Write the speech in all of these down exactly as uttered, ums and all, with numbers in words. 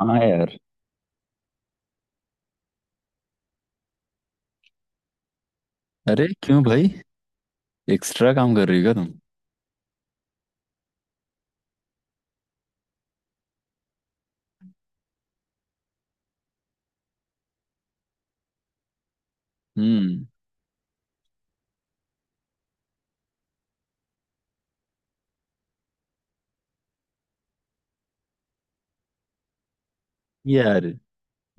हाँ यार। अरे क्यों भाई, एक्स्ट्रा काम कर रही हो क्या तुम? हम्म। यार,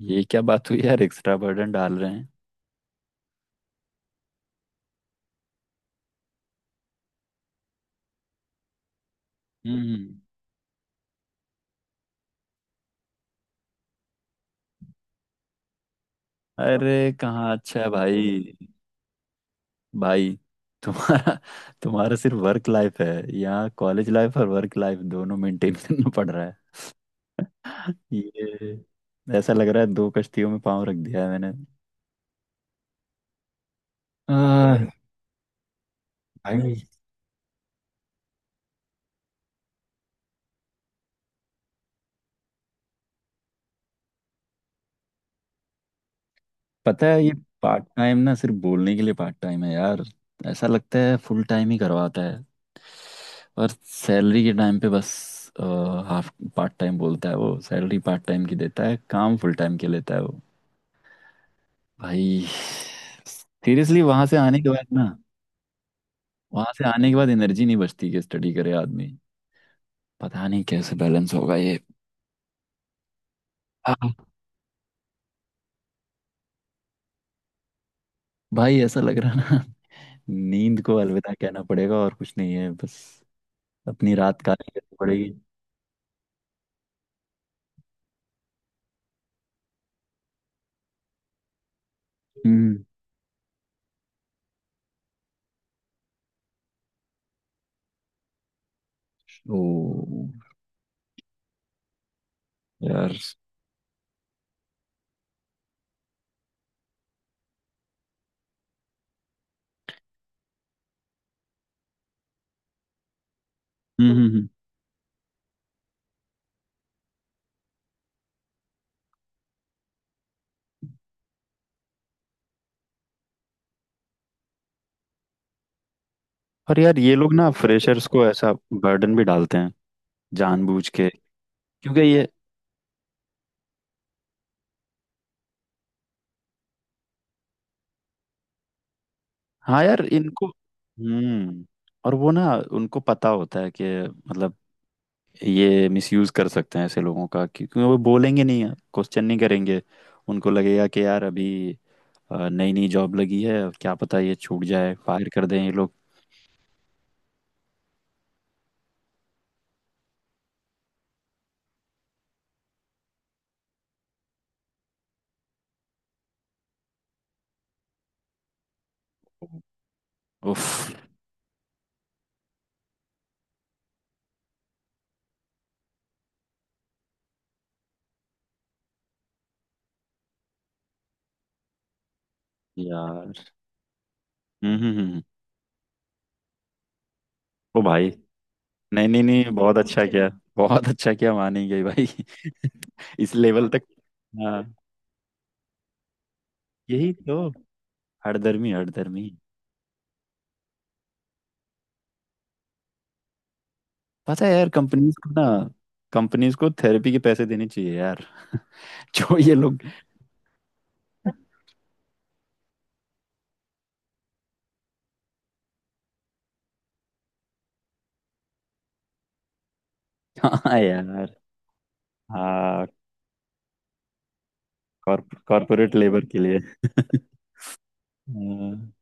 ये क्या बात हुई यार, एक्स्ट्रा बर्डन डाल रहे हैं। हम्म। अरे कहाँ अच्छा है भाई। भाई, तुम्हारा तुम्हारा सिर्फ वर्क लाइफ है। यहाँ कॉलेज लाइफ और वर्क लाइफ दोनों मेंटेन करना पड़ रहा है। ये ऐसा लग रहा है दो कश्तियों में पाँव रख दिया है मैंने। आह, भाई, पता है ये। पार्ट टाइम ना, सिर्फ बोलने के लिए पार्ट टाइम है यार। ऐसा लगता है फुल टाइम ही करवाता है। और सैलरी के टाइम पे बस हाफ। पार्ट टाइम बोलता है वो, सैलरी पार्ट टाइम की देता है, काम फुल टाइम के लेता है वो। भाई सीरियसली वहां से आने के बाद ना, वहां से आने के बाद एनर्जी नहीं बचती कि स्टडी करे आदमी। पता नहीं कैसे बैलेंस होगा ये। हाँ। भाई ऐसा लग रहा ना, नींद को अलविदा कहना पड़ेगा, और कुछ नहीं है बस। अपनी रात काटी करनी पड़ेगी। हम्म। ओ यार। हम्म, हम्म, हम्म। और यार ये लोग ना फ्रेशर्स को ऐसा बर्डन भी डालते हैं, जानबूझ के। क्योंकि ये, हाँ यार, इनको। हम्म। और वो ना, उनको पता होता है कि मतलब ये मिसयूज कर सकते हैं ऐसे लोगों का, क्योंकि वो बोलेंगे नहीं, क्वेश्चन नहीं करेंगे। उनको लगेगा कि यार अभी नई नई जॉब लगी है, क्या पता ये छूट जाए, फायर कर दें ये लोग। उफ। यार। हम्म, हम्म, हम्म। हम्म। ओ भाई। नहीं, नहीं, नहीं, बहुत अच्छा किया, बहुत अच्छा किया, मानेंगे भाई इस लेवल तक। हाँ, यही तो। हठधर्मी, हठधर्मी। पता है यार, कंपनीज को ना कंपनीज को थेरेपी के पैसे देने चाहिए यार। जो ये लोग। हाँ यार। हाँ। कॉर्पोरेट लेबर के लिए। हाँ।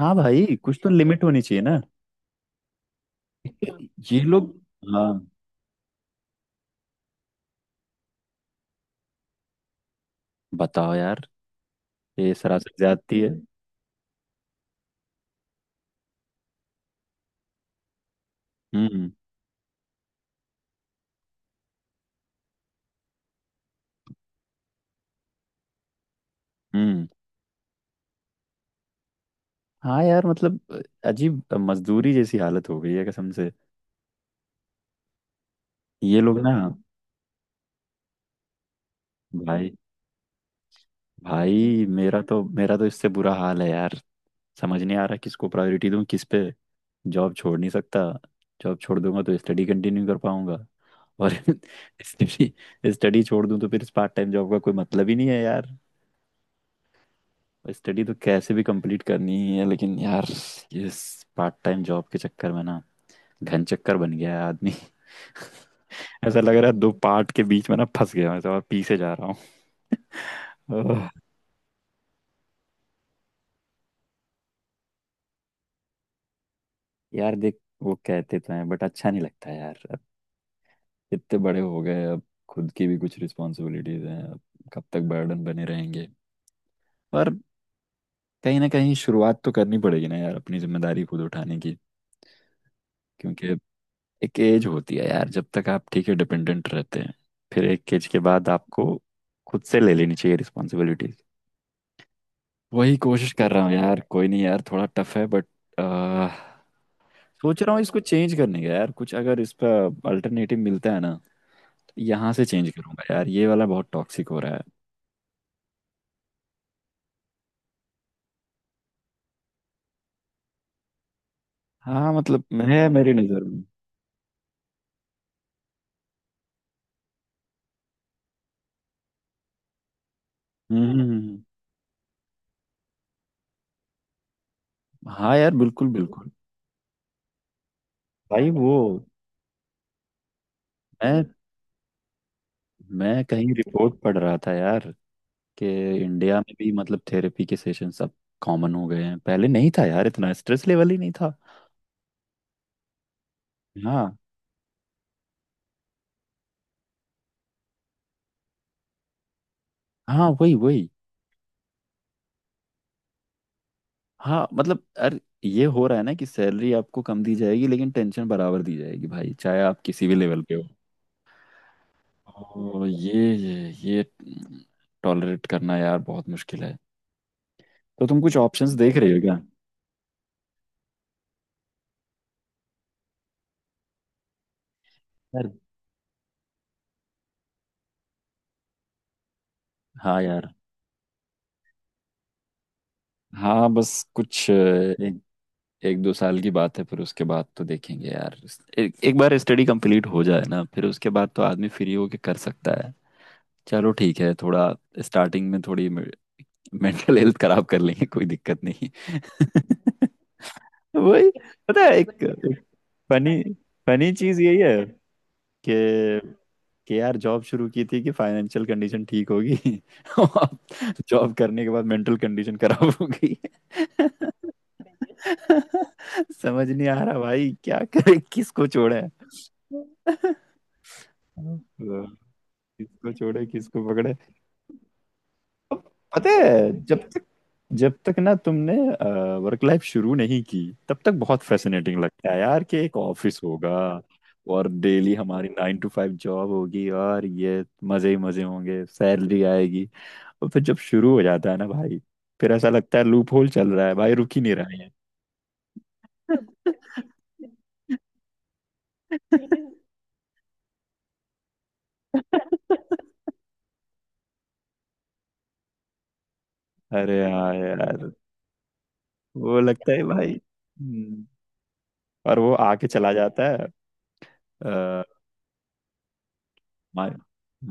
हाँ भाई, कुछ तो लिमिट होनी चाहिए ना। ये लोग। हाँ। बताओ यार, ये सरासर ज्यादती है। हम्म, हम्म। हाँ यार मतलब, अजीब मजदूरी जैसी हालत हो गई है कसम से। ये लोग ना भाई। भाई, मेरा तो मेरा तो इससे बुरा हाल है यार। समझ नहीं आ रहा किसको प्रायोरिटी दूं, किस पे। जॉब छोड़ नहीं सकता। जॉब छोड़ दूंगा तो स्टडी कंटिन्यू कर पाऊंगा। और स्टडी स्टडी छोड़ दूं तो फिर इस पार्ट टाइम जॉब का कोई मतलब ही नहीं है यार। स्टडी तो कैसे भी कंप्लीट करनी ही है, लेकिन यार ये पार्ट टाइम जॉब के चक्कर में ना, घन चक्कर बन गया है आदमी। ऐसा लग रहा है दो पार्ट के बीच में ना फंस गया हूं, ऐसा, और पीछे जा रहा हूँ। ओह। यार देख, वो कहते तो हैं बट अच्छा नहीं लगता यार अब। इतने बड़े हो गए अब। खुद की भी कुछ रिस्पॉन्सिबिलिटीज हैं अब। कब तक बर्डन बने रहेंगे, पर कहीं ना कहीं शुरुआत तो करनी पड़ेगी ना यार, अपनी जिम्मेदारी खुद उठाने की। क्योंकि एक एज होती है यार, जब तक आप, ठीक है, डिपेंडेंट रहते हैं। फिर एक एज के बाद आपको खुद से ले लेनी चाहिए रिस्पॉन्सिबिलिटीज। वही कोशिश कर रहा हूँ यार। कोई नहीं यार, थोड़ा टफ है बट। सोच रहा हूँ इसको चेंज करने का यार, कुछ अगर इस पर अल्टरनेटिव मिलता है ना, तो यहाँ से चेंज करूंगा यार, ये वाला बहुत टॉक्सिक हो रहा है। हाँ मतलब, है मेरी नज़र में। हम्म, हम्म, हम्म, हम्म। हाँ यार, बिल्कुल बिल्कुल। भाई वो, मैं मैं कहीं रिपोर्ट पढ़ रहा था यार, कि इंडिया में भी मतलब थेरेपी के सेशन सब कॉमन हो गए हैं। पहले नहीं था यार, इतना स्ट्रेस लेवल ही नहीं था। हाँ, हाँ वही वही। हाँ मतलब, अरे ये हो रहा है ना कि सैलरी आपको कम दी जाएगी लेकिन टेंशन बराबर दी जाएगी भाई, चाहे आप किसी भी लेवल पे हो। तो ये ये ये टॉलरेट करना यार, बहुत मुश्किल है। तो तुम कुछ ऑप्शंस देख रहे हो क्या यार? हाँ यार। हाँ। बस कुछ एक दो साल की बात है, फिर उसके बाद तो देखेंगे यार। एक, एक बार स्टडी कंप्लीट हो जाए ना, फिर उसके बाद तो आदमी फ्री होके कर सकता है। चलो ठीक है। थोड़ा स्टार्टिंग में थोड़ी मेंटल हेल्थ खराब कर लेंगे, कोई दिक्कत नहीं। वही। पता है एक, एक फनी फनी चीज यही है कि कि यार जॉब शुरू की थी कि फाइनेंशियल कंडीशन ठीक होगी। और जॉब करने के बाद मेंटल कंडीशन खराब हो गई। समझ नहीं आ रहा भाई, क्या करें किसको छोड़े। लो, किसको छोड़े किसको पकड़े। अब पता है, जब तक जब तक ना तुमने वर्क लाइफ शुरू नहीं की, तब तक बहुत फैसिनेटिंग लगता है यार, कि एक ऑफिस होगा और डेली हमारी नाइन टू फाइव जॉब होगी और ये मजे ही मजे होंगे, सैलरी आएगी। और फिर जब शुरू हो जाता है ना भाई, फिर ऐसा लगता है लूप होल चल रहा है भाई, रुक ही नहीं रहा है। अरे हाँ यार, वो लगता है भाई। हम्म। और वो आके चला जाता है। माइ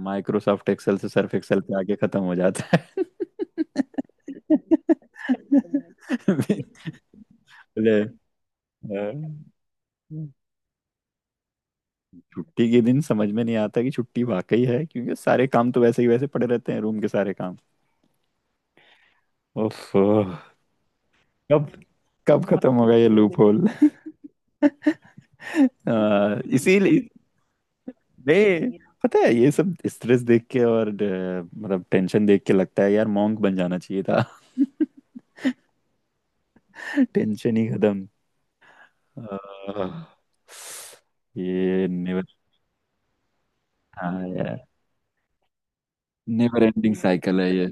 माइक्रोसॉफ्ट एक्सेल से सर्फ एक्सेल पे आके खत्म हो जाता है। बोले। अ, छुट्टी के दिन समझ में नहीं आता कि छुट्टी वाकई है, क्योंकि सारे काम तो वैसे ही वैसे पड़े रहते हैं, रूम के सारे काम। उफ, कब कब खत्म होगा ये लूप होल? इसीलिए नहीं, पता है ये सब स्ट्रेस देख के और अ, मतलब टेंशन देख के लगता है यार मॉन्क बन जाना चाहिए था। टेंशन ही खत्म। आह, ये नेवर। हाँ यार, नेवर एंडिंग साइकिल है ये।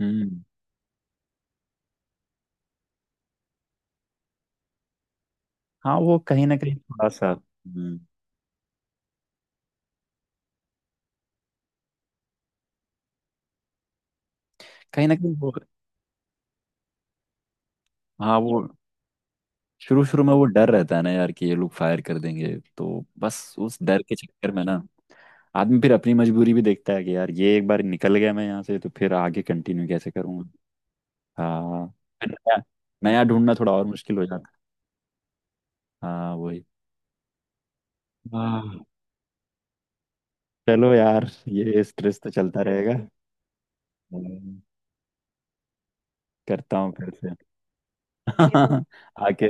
हम्म। हाँ वो, कहीं ना कहीं थोड़ा सा। हम्म। कहीं ना कहीं वो, हाँ वो, शुरू शुरू में वो डर रहता है ना यार, कि ये लोग फायर कर देंगे, तो बस उस डर के चक्कर में ना, आदमी फिर अपनी मजबूरी भी देखता है कि यार ये एक बार निकल गया मैं यहाँ से, तो फिर आगे कंटिन्यू कैसे करूँगा। हाँ। फिर नया नया ढूंढना थोड़ा और मुश्किल हो जाता है। हाँ वही। हाँ चलो यार, ये स्ट्रेस तो चलता रहेगा। करता हूँ फिर से। बिल्कुल। आके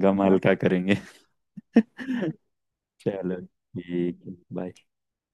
गम हल्का करेंगे। चलो ठीक है, बाय।